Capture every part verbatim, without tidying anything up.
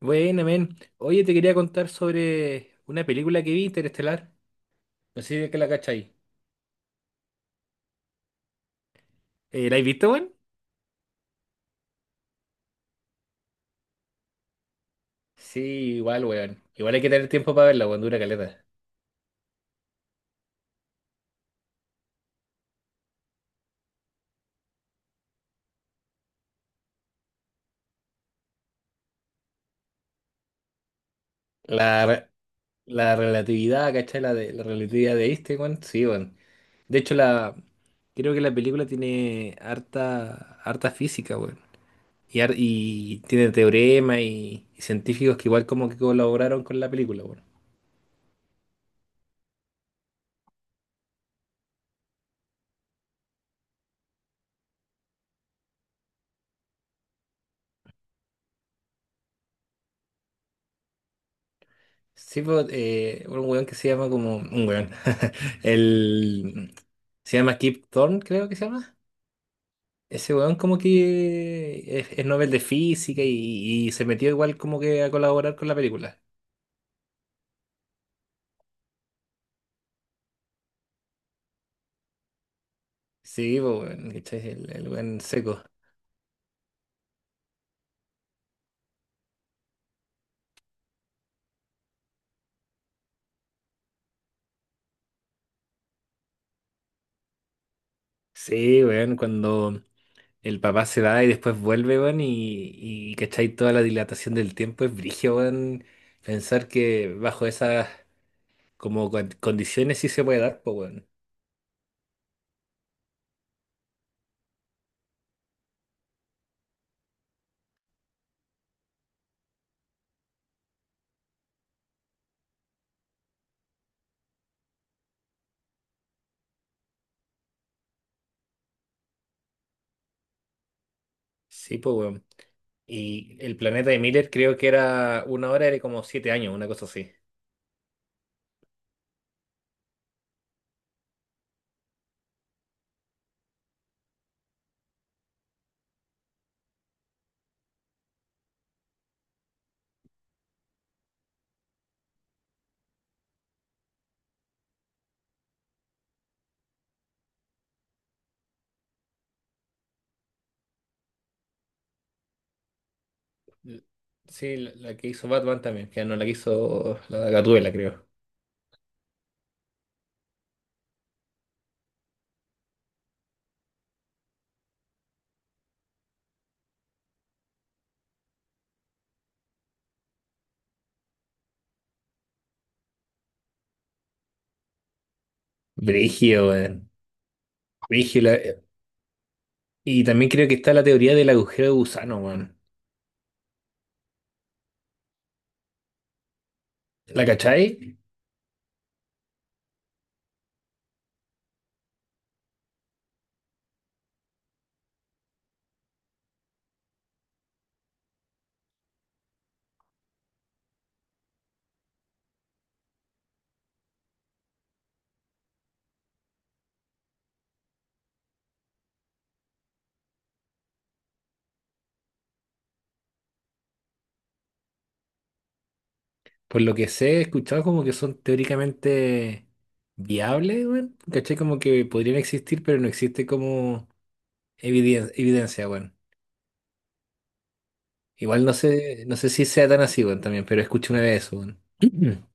Bueno, men. Oye, te quería contar sobre una película que vi, Interestelar. No sé si es que la cachai. Eh, ¿la has visto, weón? Sí, igual, weón. Igual hay que tener tiempo para verla, weón. Dura caleta. La, re- la relatividad, ¿cachai? La, de, la relatividad de Einstein, weón. Sí, weón. De hecho, la, creo que la película tiene harta, harta física, weón. Y, har- y tiene teorema y, y científicos que igual como que colaboraron con la película, weón. Sí, pues, eh, un weón que se llama como. Un weón. El. Se llama Kip Thorne, creo que se llama. Ese weón como que es, es Nobel de Física y, y se metió igual como que a colaborar con la película. Sí, pues, weón, ¿cachai? El, el weón seco. Sí, weón, cuando el papá se va y después vuelve, weón, y, y ¿cachai? Toda la dilatación del tiempo es brígido, weón. Pensar que bajo esas como con- condiciones sí se puede dar, pues, weón. Sí, pues, weón. Y el planeta de Miller creo que era una hora, era como siete años, una cosa así. L- Sí, la, la que hizo Batman también, que no la que hizo la Gatúbela, creo. Brígido, weón. Brígido. la- eh, Y también creo que está la teoría del agujero de gusano, weón. ¿La cachai? Por lo que sé, he escuchado como que son teóricamente viables, weón. ¿Cachai? Como que podrían existir, pero no existe como eviden- evidencia, weón. Igual no sé, no sé si sea tan así, weón, también, pero escuché una vez eso, weón.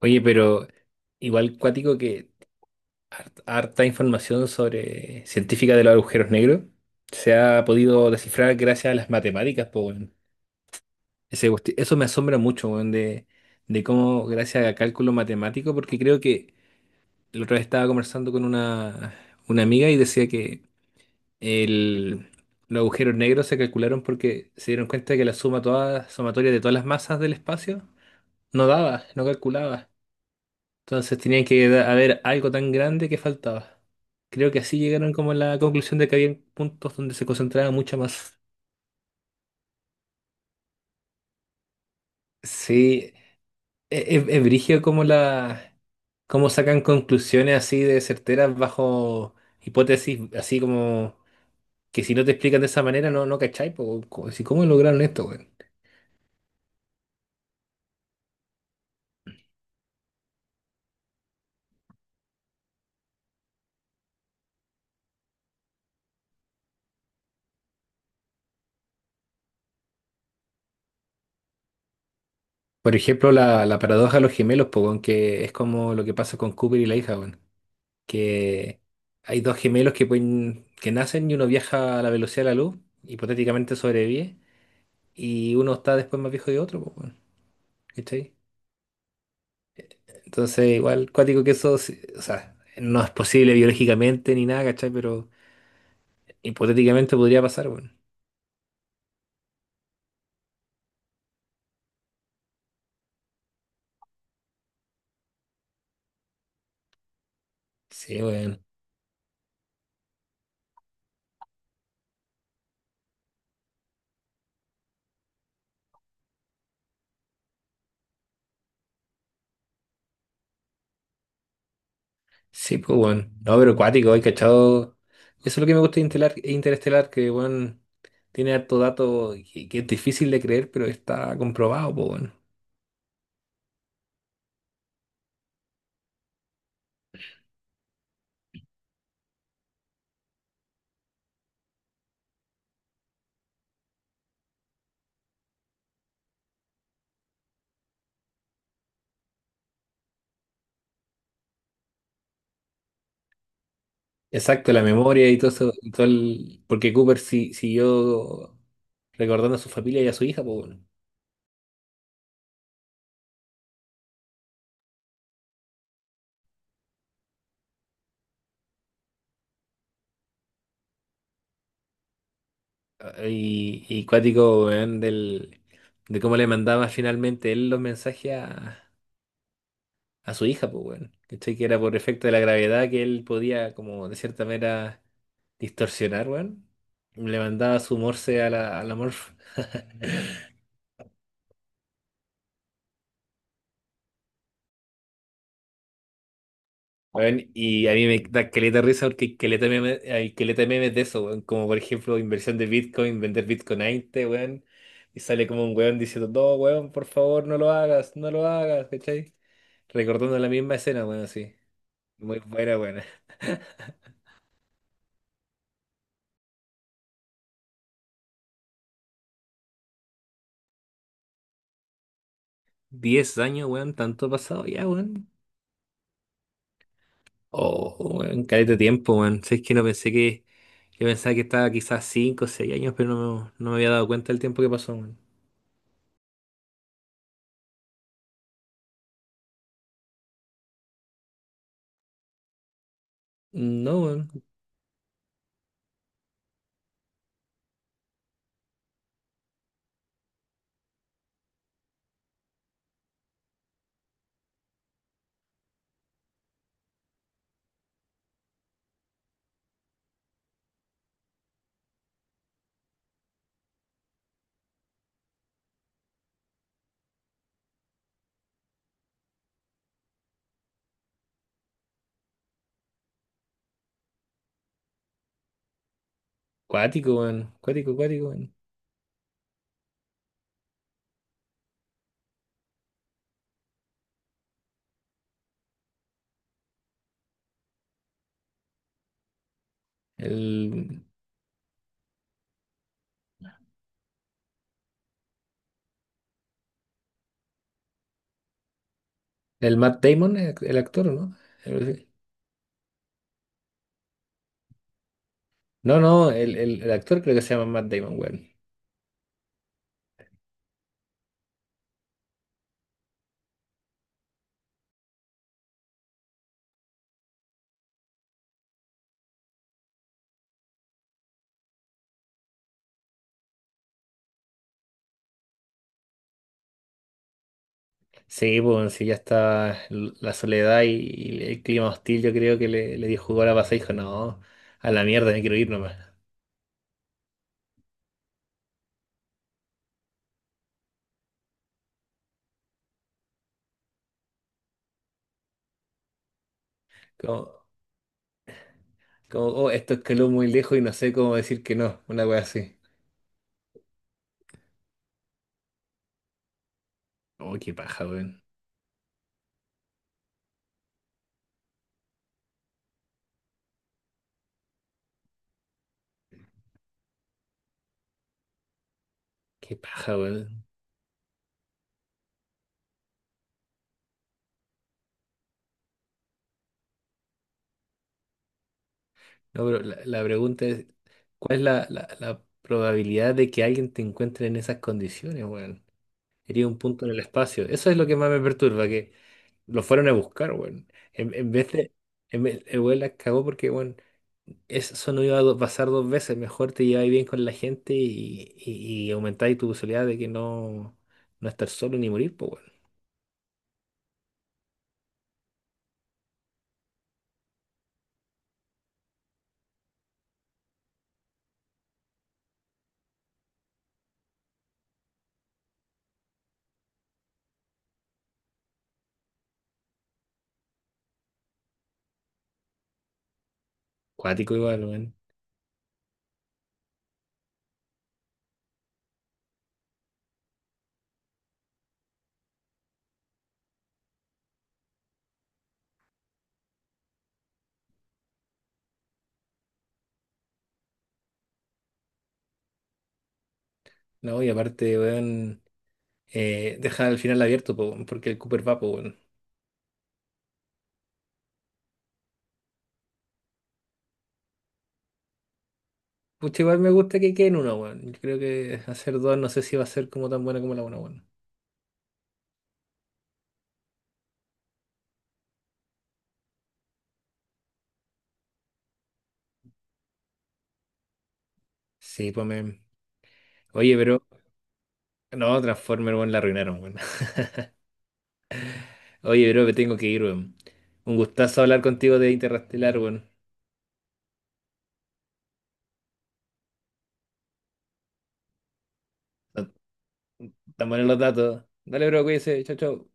Oye, pero igual cuático que hart- harta información sobre científica de los agujeros negros se ha podido descifrar gracias a las matemáticas, po, weón. Ese cuesti- eso me asombra mucho, weón, de, de cómo gracias a cálculo matemático, porque creo que la otra vez estaba conversando con una, una amiga y decía que el, los agujeros negros se calcularon porque se dieron cuenta que la suma toda, sumatoria de todas las masas del espacio no daba, no calculaba. Entonces tenían que da- haber algo tan grande que faltaba. Creo que así llegaron como a la conclusión de que había puntos donde se concentraba mucha más. Sí, e- e- es, brígido como la, cómo sacan conclusiones así de certeras bajo hipótesis, así como que si no te explican de esa manera no, no cachai, po, co- si ¿cómo lograron esto, weón? Por ejemplo, la, la paradoja de los gemelos, po, weón, que es como lo que pasa con Cooper y la hija, weón. Que hay dos gemelos que pueden, que nacen y uno viaja a la velocidad de la luz, hipotéticamente sobrevive, y uno está después más viejo que otro, pues, bueno, ¿cachai? Entonces, igual, cuático que eso, sí, o sea, no es posible biológicamente ni nada, ¿cachai? Pero hipotéticamente podría pasar, bueno. Sí, bueno. Sí, pues, bueno. No, pero cuático, hay cachado. Eso es lo que me gusta de Intelar- Interestelar, que, bueno, tiene harto dato que, que es difícil de creer, pero está comprobado, pues, bueno. Exacto, la memoria y todo eso, y todo el- porque Cooper si, siguió recordando a su familia y a su hija, pues bueno. Y, y cuático, weón, del, de cómo le mandaba finalmente él los mensajes a, a su hija, pues bueno. ¿Cachai? Que era por efecto de la gravedad que él podía, como de cierta manera, distorsionar, weón. Le mandaba su morse a la, a la Morph. Weón, y a mí me da caleta de risa porque hay caleta de meme- hay caleta de memes de eso, weón. Como por ejemplo, inversión de Bitcoin, vender Bitcoin a veinte, weón. Y sale como un weón diciendo, no, weón, por favor, no lo hagas, no lo hagas, ¿cachai? Recordando la misma escena, weón, así. Muy buena, weón. Diez años, weón, tanto ha pasado ya, weón. Oh, weón, caleta de tiempo, weón. Si es que no pensé que. Yo pensaba que estaba quizás cinco o seis años, pero no, me- no me había dado cuenta del tiempo que pasó, weón. No, weón. Cuático, weón. Cuático, cuático, weón. El, el Matt Damon, el, el actor, ¿o ¿no? El- no, no, el, el- el actor creo que se llama Matt Damon, weón. Sí, bueno, sí, ya está l- la soledad y, y el clima hostil, yo creo que le, le dio jugo a la pasada y dijo, no, a la mierda, me quiero ir nomás. Como, como, oh, esto escaló muy lejos y no sé cómo decir que no, una wea así. Oh, qué paja, weón. Qué paja, weón. No, pero la, la pregunta es, ¿cuál es la, la, la probabilidad de que alguien te encuentre en esas condiciones, weón? Sería un punto en el espacio. Eso es lo que más me perturba, que lo fueron a buscar, weón. En, en vez de... en vez- el weón la cagó porque, weón, eso no iba a do- pasar dos veces. Mejor te lleváis bien con la gente y, y, y aumentáis tu posibilidad de que no, no estar solo ni morir, pues, weón. Cuático igual, weón. No, y aparte, weón, eh, dejar el final abierto, po, weón, porque el Cooper va, po, weón. Pucha, igual me gusta que queden uno, weón. Yo creo que hacer dos no sé si va a ser como tan buena como la una, weón. Sí, pues, me... Oye, pero... No, Transformer, weón, la arruinaron, weón. Oye, bro, me tengo que ir, weón. Un gustazo hablar contigo de Interestelar, weón. Tan tan buenos los datos. Dale, bro, cuídese. Chau, chau.